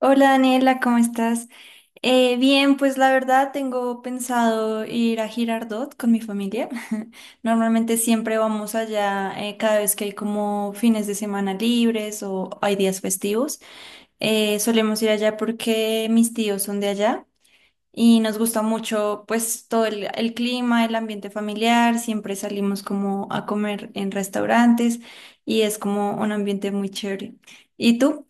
Hola Daniela, ¿cómo estás? Bien, pues la verdad tengo pensado ir a Girardot con mi familia. Normalmente siempre vamos allá cada vez que hay como fines de semana libres o hay días festivos. Solemos ir allá porque mis tíos son de allá y nos gusta mucho pues todo el clima, el ambiente familiar. Siempre salimos como a comer en restaurantes y es como un ambiente muy chévere. ¿Y tú?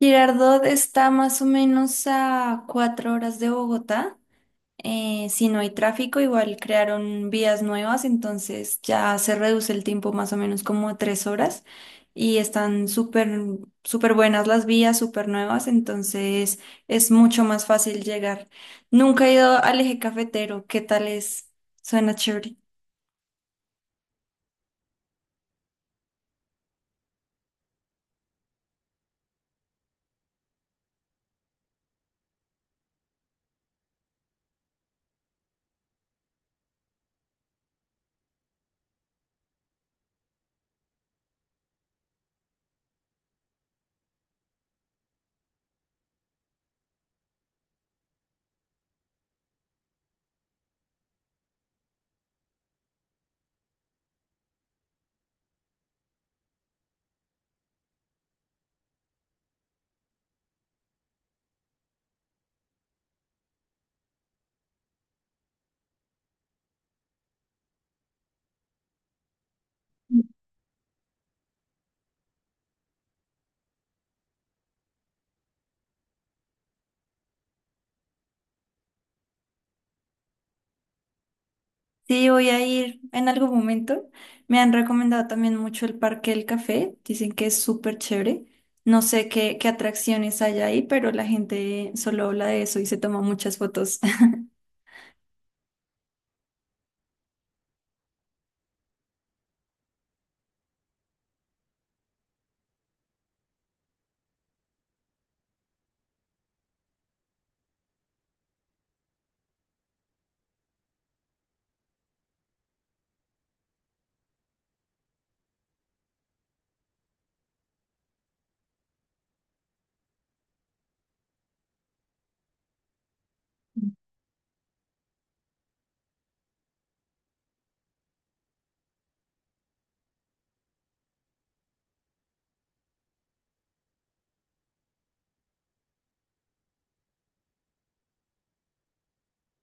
Girardot está más o menos a cuatro horas de Bogotá. Si no hay tráfico, igual crearon vías nuevas, entonces ya se reduce el tiempo más o menos como a tres horas y están súper, súper buenas las vías, súper nuevas, entonces es mucho más fácil llegar. Nunca he ido al eje cafetero, ¿qué tal es? Suena chévere. Sí, voy a ir en algún momento. Me han recomendado también mucho el Parque del Café. Dicen que es súper chévere. No sé qué, qué atracciones hay ahí, pero la gente solo habla de eso y se toma muchas fotos.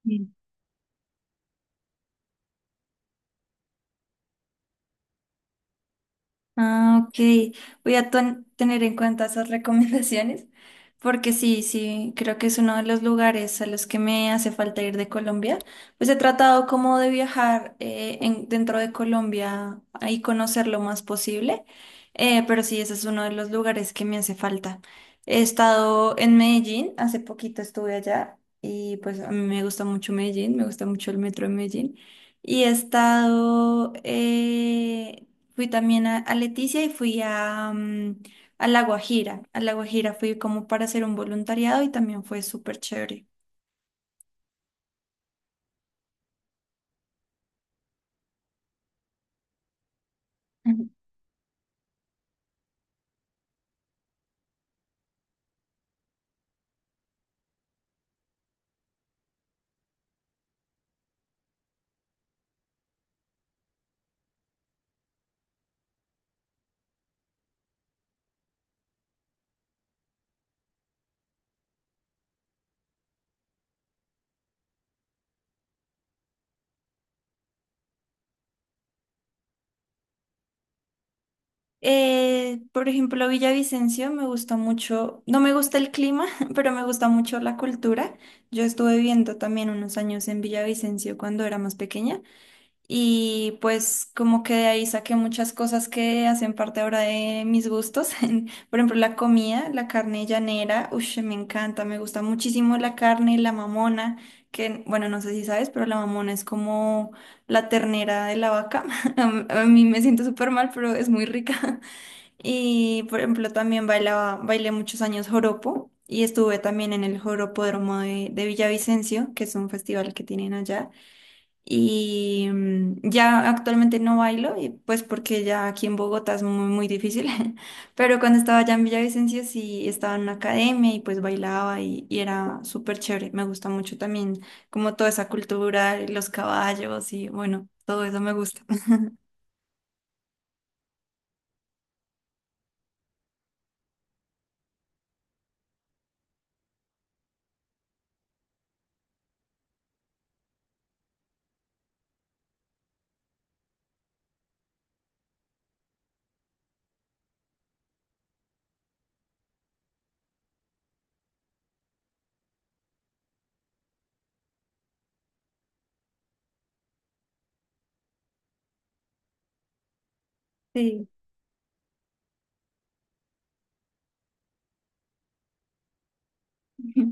Ah, ok. Voy a tener en cuenta esas recomendaciones porque sí, sí, creo que es uno de los lugares a los que me hace falta ir de Colombia. Pues he tratado como de viajar dentro de Colombia y conocer lo más posible, pero sí, ese es uno de los lugares que me hace falta. He estado en Medellín, hace poquito estuve allá y pues a mí me gusta mucho Medellín, me gusta mucho el metro de Medellín. Y he estado fui también a Leticia y fui a, a La Guajira. A La Guajira fui como para hacer un voluntariado y también fue súper chévere. Ujú. Por ejemplo, Villavicencio me gusta mucho, no me gusta el clima, pero me gusta mucho la cultura. Yo estuve viviendo también unos años en Villavicencio cuando era más pequeña. Y pues como que de ahí saqué muchas cosas que hacen parte ahora de mis gustos. Por ejemplo, la comida, la carne llanera, uff, me encanta, me gusta muchísimo la carne, la mamona, que bueno, no sé si sabes, pero la mamona es como la ternera de la vaca. A mí me siento súper mal, pero es muy rica. Y por ejemplo, también bailaba, bailé muchos años joropo. Y estuve también en el Joropódromo de Villavicencio, que es un festival que tienen allá. Y ya actualmente no bailo, y pues porque ya aquí en Bogotá es muy, muy difícil. Pero cuando estaba allá en Villavicencio sí estaba en una academia y pues bailaba y era súper chévere. Me gusta mucho también como toda esa cultura, y los caballos y bueno, todo eso me gusta. Sí,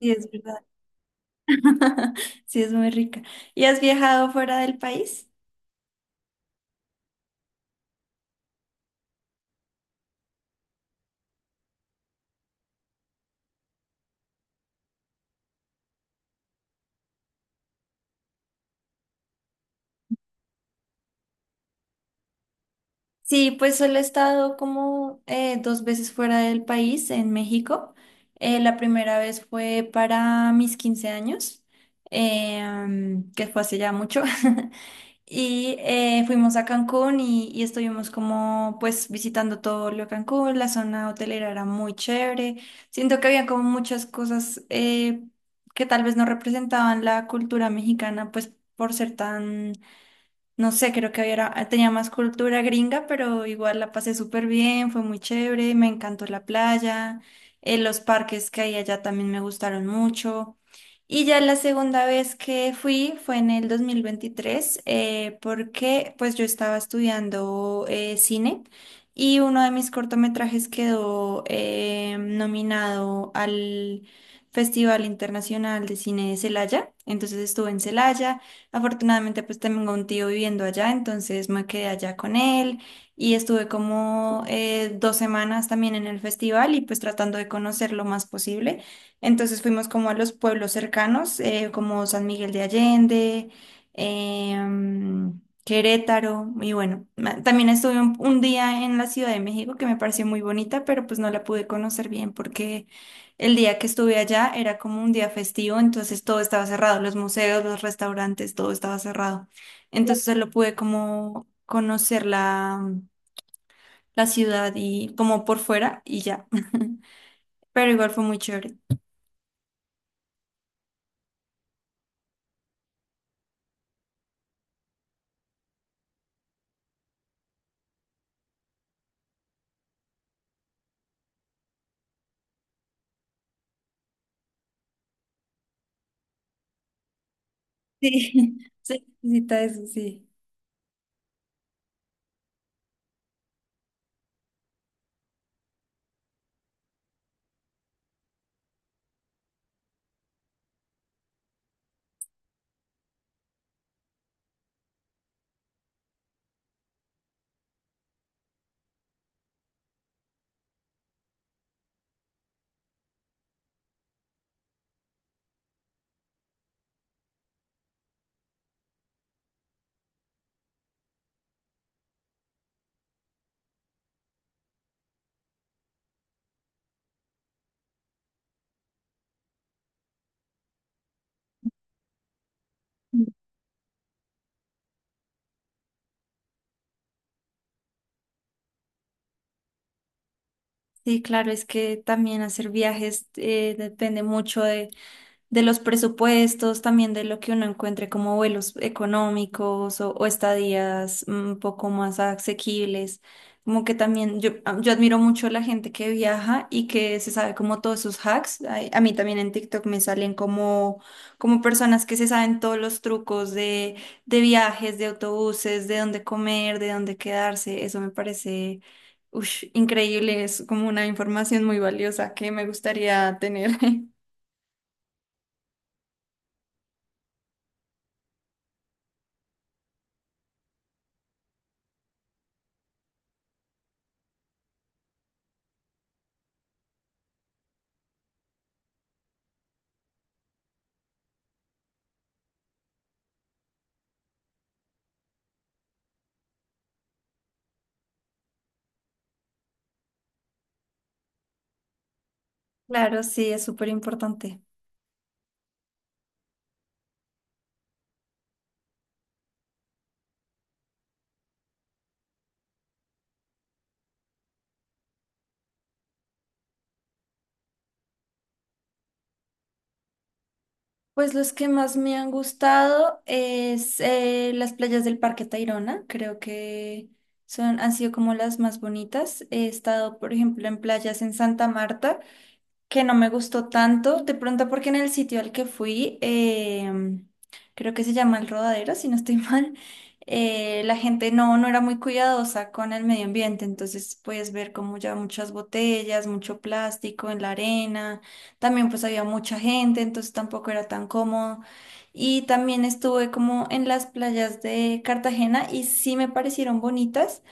sí es verdad. Sí es muy rica. ¿Y has viajado fuera del país? Sí, pues solo he estado como dos veces fuera del país, en México. La primera vez fue para mis 15 años, que fue hace ya mucho. Y fuimos a Cancún y estuvimos como pues visitando todo lo de Cancún. La zona hotelera era muy chévere. Siento que había como muchas cosas que tal vez no representaban la cultura mexicana, pues por ser tan, no sé, creo que era, tenía más cultura gringa, pero igual la pasé súper bien, fue muy chévere, me encantó la playa, los parques que hay allá también me gustaron mucho. Y ya la segunda vez que fui fue en el 2023, porque pues yo estaba estudiando cine y uno de mis cortometrajes quedó nominado al Festival Internacional de Cine de Celaya, entonces estuve en Celaya. Afortunadamente, pues tengo un tío viviendo allá, entonces me quedé allá con él y estuve como dos semanas también en el festival y pues tratando de conocer lo más posible. Entonces fuimos como a los pueblos cercanos, como San Miguel de Allende, Querétaro y bueno, también estuve un día en la Ciudad de México que me pareció muy bonita, pero pues no la pude conocer bien porque el día que estuve allá era como un día festivo, entonces todo estaba cerrado, los museos, los restaurantes, todo estaba cerrado. Entonces solo pude como conocer la ciudad y como por fuera y ya. Pero igual fue muy chévere. Sí, sí, necesita eso, sí. Sí, claro, es que también hacer viajes depende mucho de los presupuestos, también de lo que uno encuentre como vuelos económicos o estadías un poco más asequibles. Como que también yo admiro mucho la gente que viaja y que se sabe como todos sus hacks. Ay, A, mí también en TikTok me salen como, como personas que se saben todos los trucos de viajes, de autobuses, de dónde comer, de dónde quedarse. Eso me parece, ush, increíble. Es como una información muy valiosa que me gustaría tener. Claro, sí, es súper importante. Pues los que más me han gustado es las playas del Parque Tayrona. Creo que son, han sido como las más bonitas. He estado, por ejemplo, en playas en Santa Marta, que no me gustó tanto, de pronto porque en el sitio al que fui, creo que se llama El Rodadero, si no estoy mal, la gente no, no era muy cuidadosa con el medio ambiente, entonces puedes ver como ya muchas botellas, mucho plástico en la arena, también pues había mucha gente, entonces tampoco era tan cómodo. Y también estuve como en las playas de Cartagena y sí me parecieron bonitas,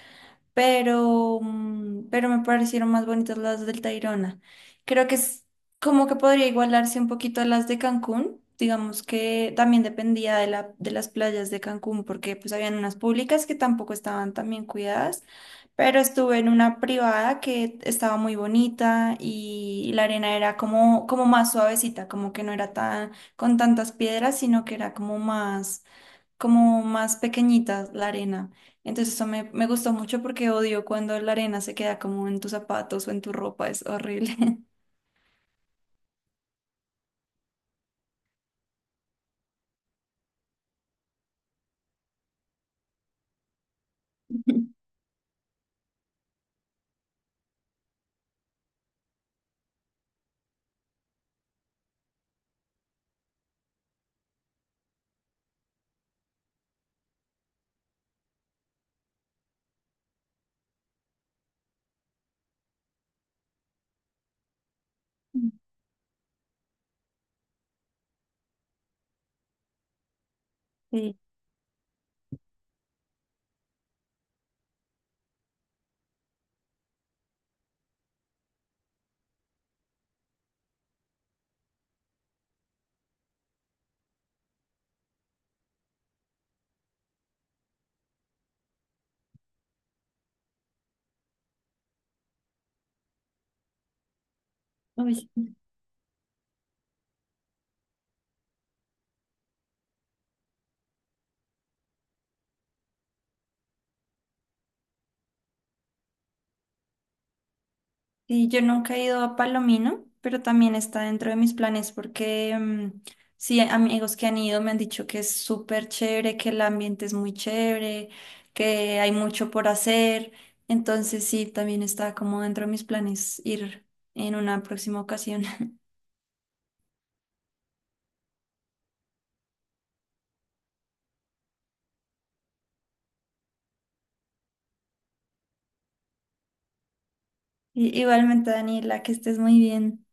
pero, pero me parecieron más bonitas las del Tayrona. Creo que es como que podría igualarse un poquito a las de Cancún. Digamos que también dependía de de las playas de Cancún, porque pues habían unas públicas que tampoco estaban tan bien cuidadas, pero estuve en una privada que estaba muy bonita y la arena era como, como más suavecita, como que no era tan, con tantas piedras, sino que era como más, como más pequeñita la arena. Entonces eso me gustó mucho porque odio cuando la arena se queda como en tus zapatos o en tu ropa, es horrible. Sí, uy. Sí, yo nunca he ido a Palomino, pero también está dentro de mis planes porque sí, amigos que han ido me han dicho que es súper chévere, que el ambiente es muy chévere, que hay mucho por hacer. Entonces sí, también está como dentro de mis planes ir en una próxima ocasión. Igualmente, Daniela, que estés muy bien.